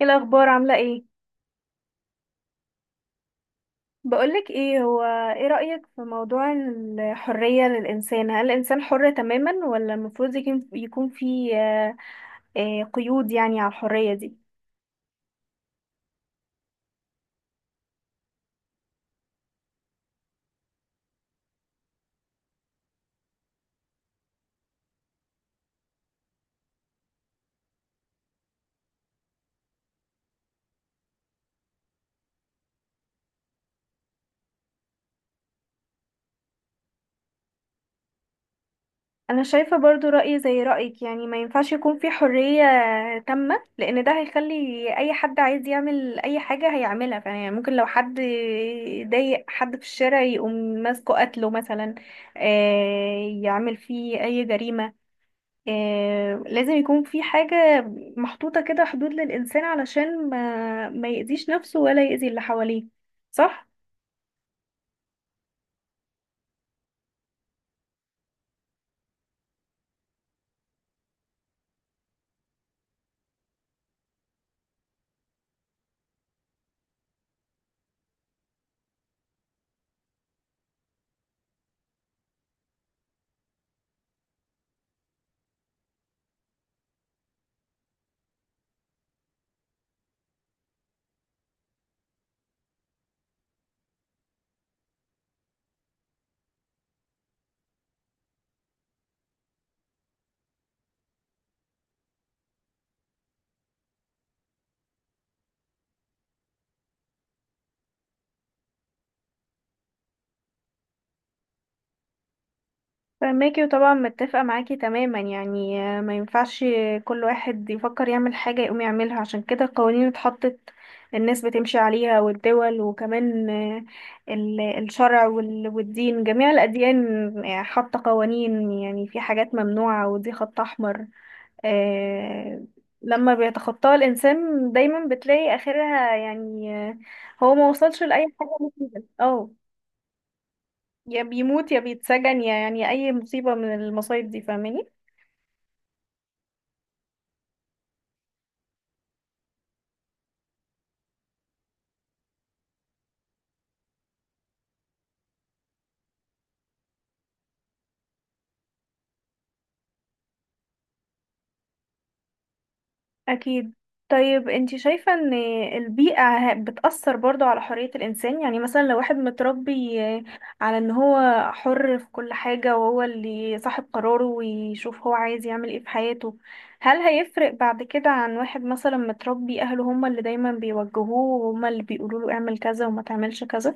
ايه الاخبار، عامله ايه؟ بقولك ايه، هو ايه رايك في موضوع الحريه للانسان؟ هل الانسان حر تماما ولا المفروض يكون في قيود يعني على الحريه دي؟ انا شايفه برضو رايي زي رايك، يعني ما ينفعش يكون في حريه تامه، لان ده هيخلي اي حد عايز يعمل اي حاجه هيعملها. يعني ممكن لو حد ضايق حد في الشارع يقوم ماسكه قتله مثلا، يعمل فيه اي جريمه. لازم يكون في حاجة محطوطة كده، حدود للإنسان علشان ما يأذيش نفسه ولا يأذي اللي حواليه. صح؟ فماكي، وطبعا متفقة معاكي تماما، يعني ما ينفعش كل واحد يفكر يعمل حاجة يقوم يعملها. عشان كده القوانين اتحطت، الناس بتمشي عليها، والدول. وكمان الشرع والدين، جميع الأديان حاطة قوانين، يعني في حاجات ممنوعة ودي خط أحمر. آه، لما بيتخطاها الإنسان دايما بتلاقي آخرها، يعني هو ما وصلش لأي حاجة مفيدة. اه يا بيموت يا بيتسجن يا يعني أي مصيبة من المصايب دي، فاهماني؟ أكيد. طيب، انتي شايفة ان البيئة بتأثر برضو على حرية الإنسان؟ يعني مثلا لو واحد متربي على ان هو حر في كل حاجة، وهو اللي صاحب قراره، ويشوف هو عايز يعمل ايه في حياته، هل هيفرق بعد كده عن واحد مثلا متربي أهله هما اللي دايما بيوجهوه وهما اللي بيقولوله اعمل كذا وما تعملش كذا؟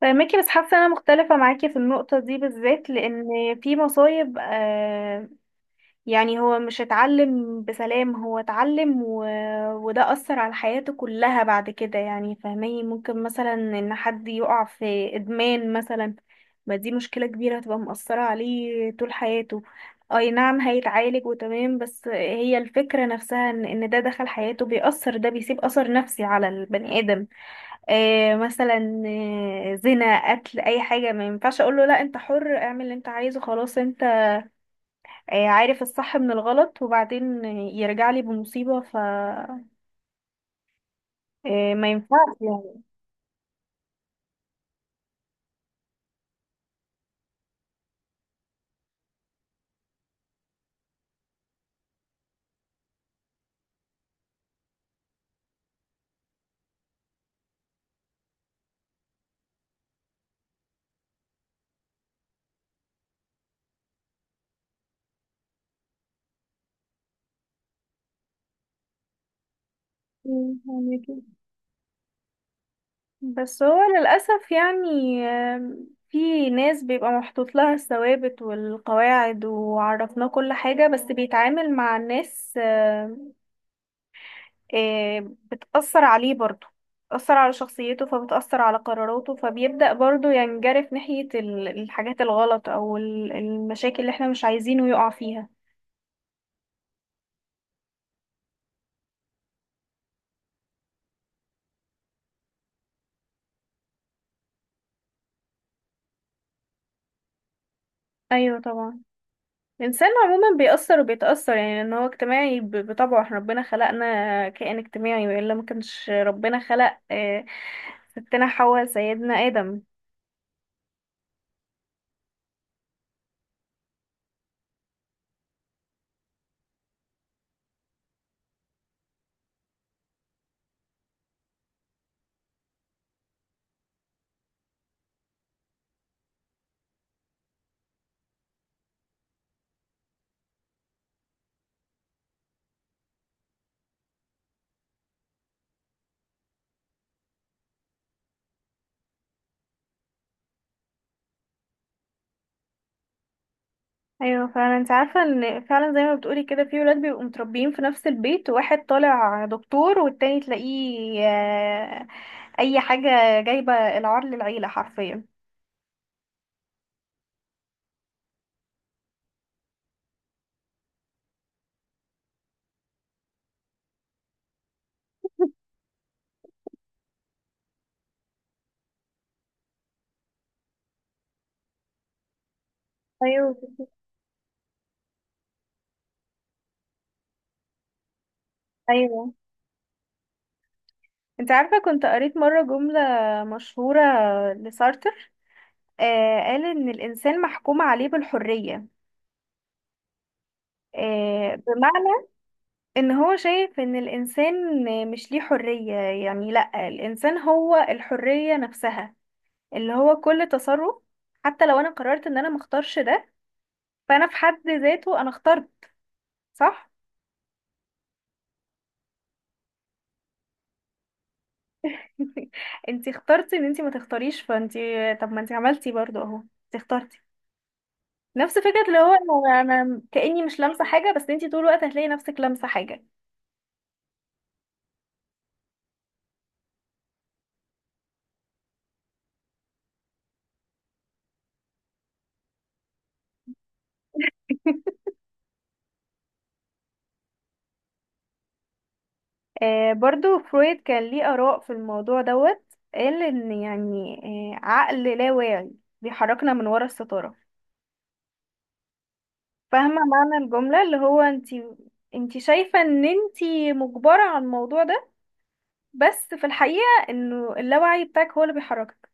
فاهمكي، بس حاسة انا مختلفة معاكي في النقطة دي بالذات، لأن في مصايب. يعني هو مش اتعلم بسلام، هو اتعلم وده أثر على حياته كلها بعد كده، يعني فاهماني؟ ممكن مثلا ان حد يقع في ادمان مثلا، ما دي مشكلة كبيرة هتبقى مؤثرة عليه طول حياته. اي نعم هيتعالج وتمام، بس هي الفكرة نفسها، إن ده دخل حياته بيأثر، ده بيسيب أثر نفسي على البني آدم. مثلا، زنا، قتل، اي حاجة، ما ينفعش اقول له لا انت حر اعمل اللي انت عايزه خلاص، عارف الصح من الغلط، وبعدين يرجع لي بمصيبة. ف ما ينفعش يعني. يعني كده. بس هو للأسف، يعني في ناس بيبقى محطوط لها الثوابت والقواعد، وعرفناه كل حاجة، بس بيتعامل مع الناس، بتأثر عليه برضه، بتأثر على شخصيته، فبتأثر على قراراته، فبيبدأ برضه ينجرف ناحية الحاجات الغلط أو المشاكل اللي احنا مش عايزينه يقع فيها. أيوة طبعا. الإنسان عموما بيأثر وبيتأثر، يعني إن هو اجتماعي بطبعه. احنا ربنا خلقنا كائن اجتماعي، وإلا ما كانش ربنا خلق ستنا حواء، سيدنا آدم. أيوة فعلا. أنت عارفة إن فعلا زي ما بتقولي كده في ولاد بيبقوا متربيين في نفس البيت، واحد طالع دكتور، والتاني تلاقيه أي حاجة، جايبة العار للعيلة حرفيا. ايوه، ايوه. انت عارفه كنت قريت مره جمله مشهوره لسارتر، قال إن الإنسان محكوم عليه بالحرية، بمعنى إن هو شايف إن الإنسان مش ليه حرية، يعني لأ، الإنسان هو الحرية نفسها، اللي هو كل تصرف حتى لو أنا قررت إن أنا مختارش ده، فأنا في حد ذاته أنا اخترت. صح؟ انتي اخترتي ان انتي ما تختاريش، فانتي طب ما انتي عملتي برضو اهو، انتي اخترتي. نفس فكرة اللي هو أنا كأني مش لامسة حاجة، بس انتي طول الوقت هتلاقي نفسك لامسة حاجة. برضو فرويد كان ليه آراء في الموضوع دوت، قال إن يعني عقل لا واعي بيحركنا من ورا الستارة. فاهمة معنى الجملة اللي هو انتي، شايفة ان انتي مجبرة على الموضوع ده، بس في الحقيقة انه اللاوعي بتاعك هو اللي بيحركك.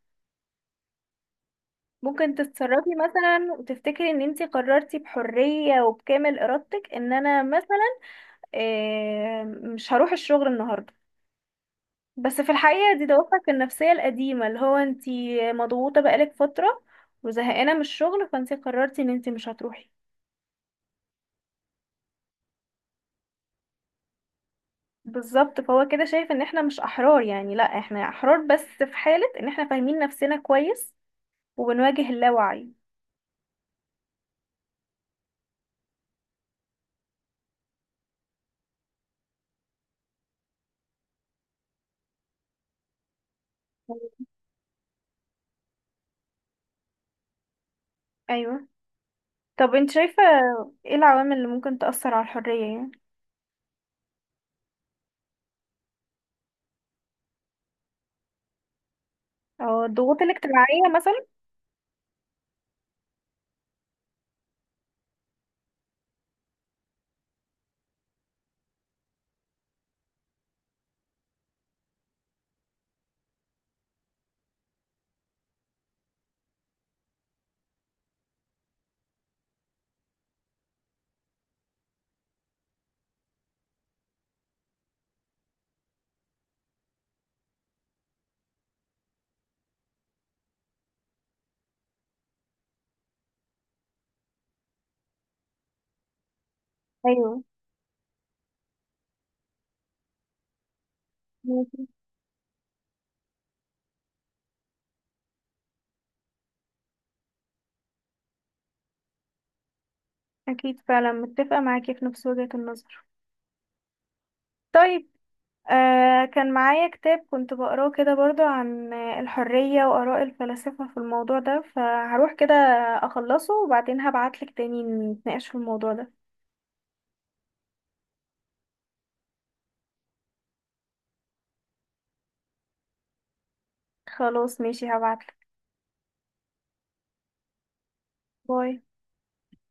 ممكن تتصرفي مثلا وتفتكري ان انتي قررتي بحرية وبكامل ارادتك، ان انا مثلا مش هروح الشغل النهاردة، بس في الحقيقة دي دوافعك النفسية القديمة، اللي هو انتي مضغوطة بقالك فترة وزهقانة من الشغل، فانتي قررتي ان انتي مش هتروحي. بالظبط. فهو كده شايف ان احنا مش احرار، يعني لا احنا احرار بس في حالة ان احنا فاهمين نفسنا كويس وبنواجه اللاوعي. ايوه. طب انت شايفة ايه العوامل اللي ممكن تأثر على الحرية، يعني او الضغوط الاجتماعية مثلا؟ ايوه، ماشي. اكيد، فعلا متفقة معاكي في نفس وجهة النظر. طيب، كان معايا كتاب كنت بقراه كده برضو عن الحرية وآراء الفلاسفة في الموضوع ده، فهروح كده أخلصه، وبعدين هبعتلك تاني نتناقش في الموضوع ده. خلاص ماشي، هبعتلك. باي.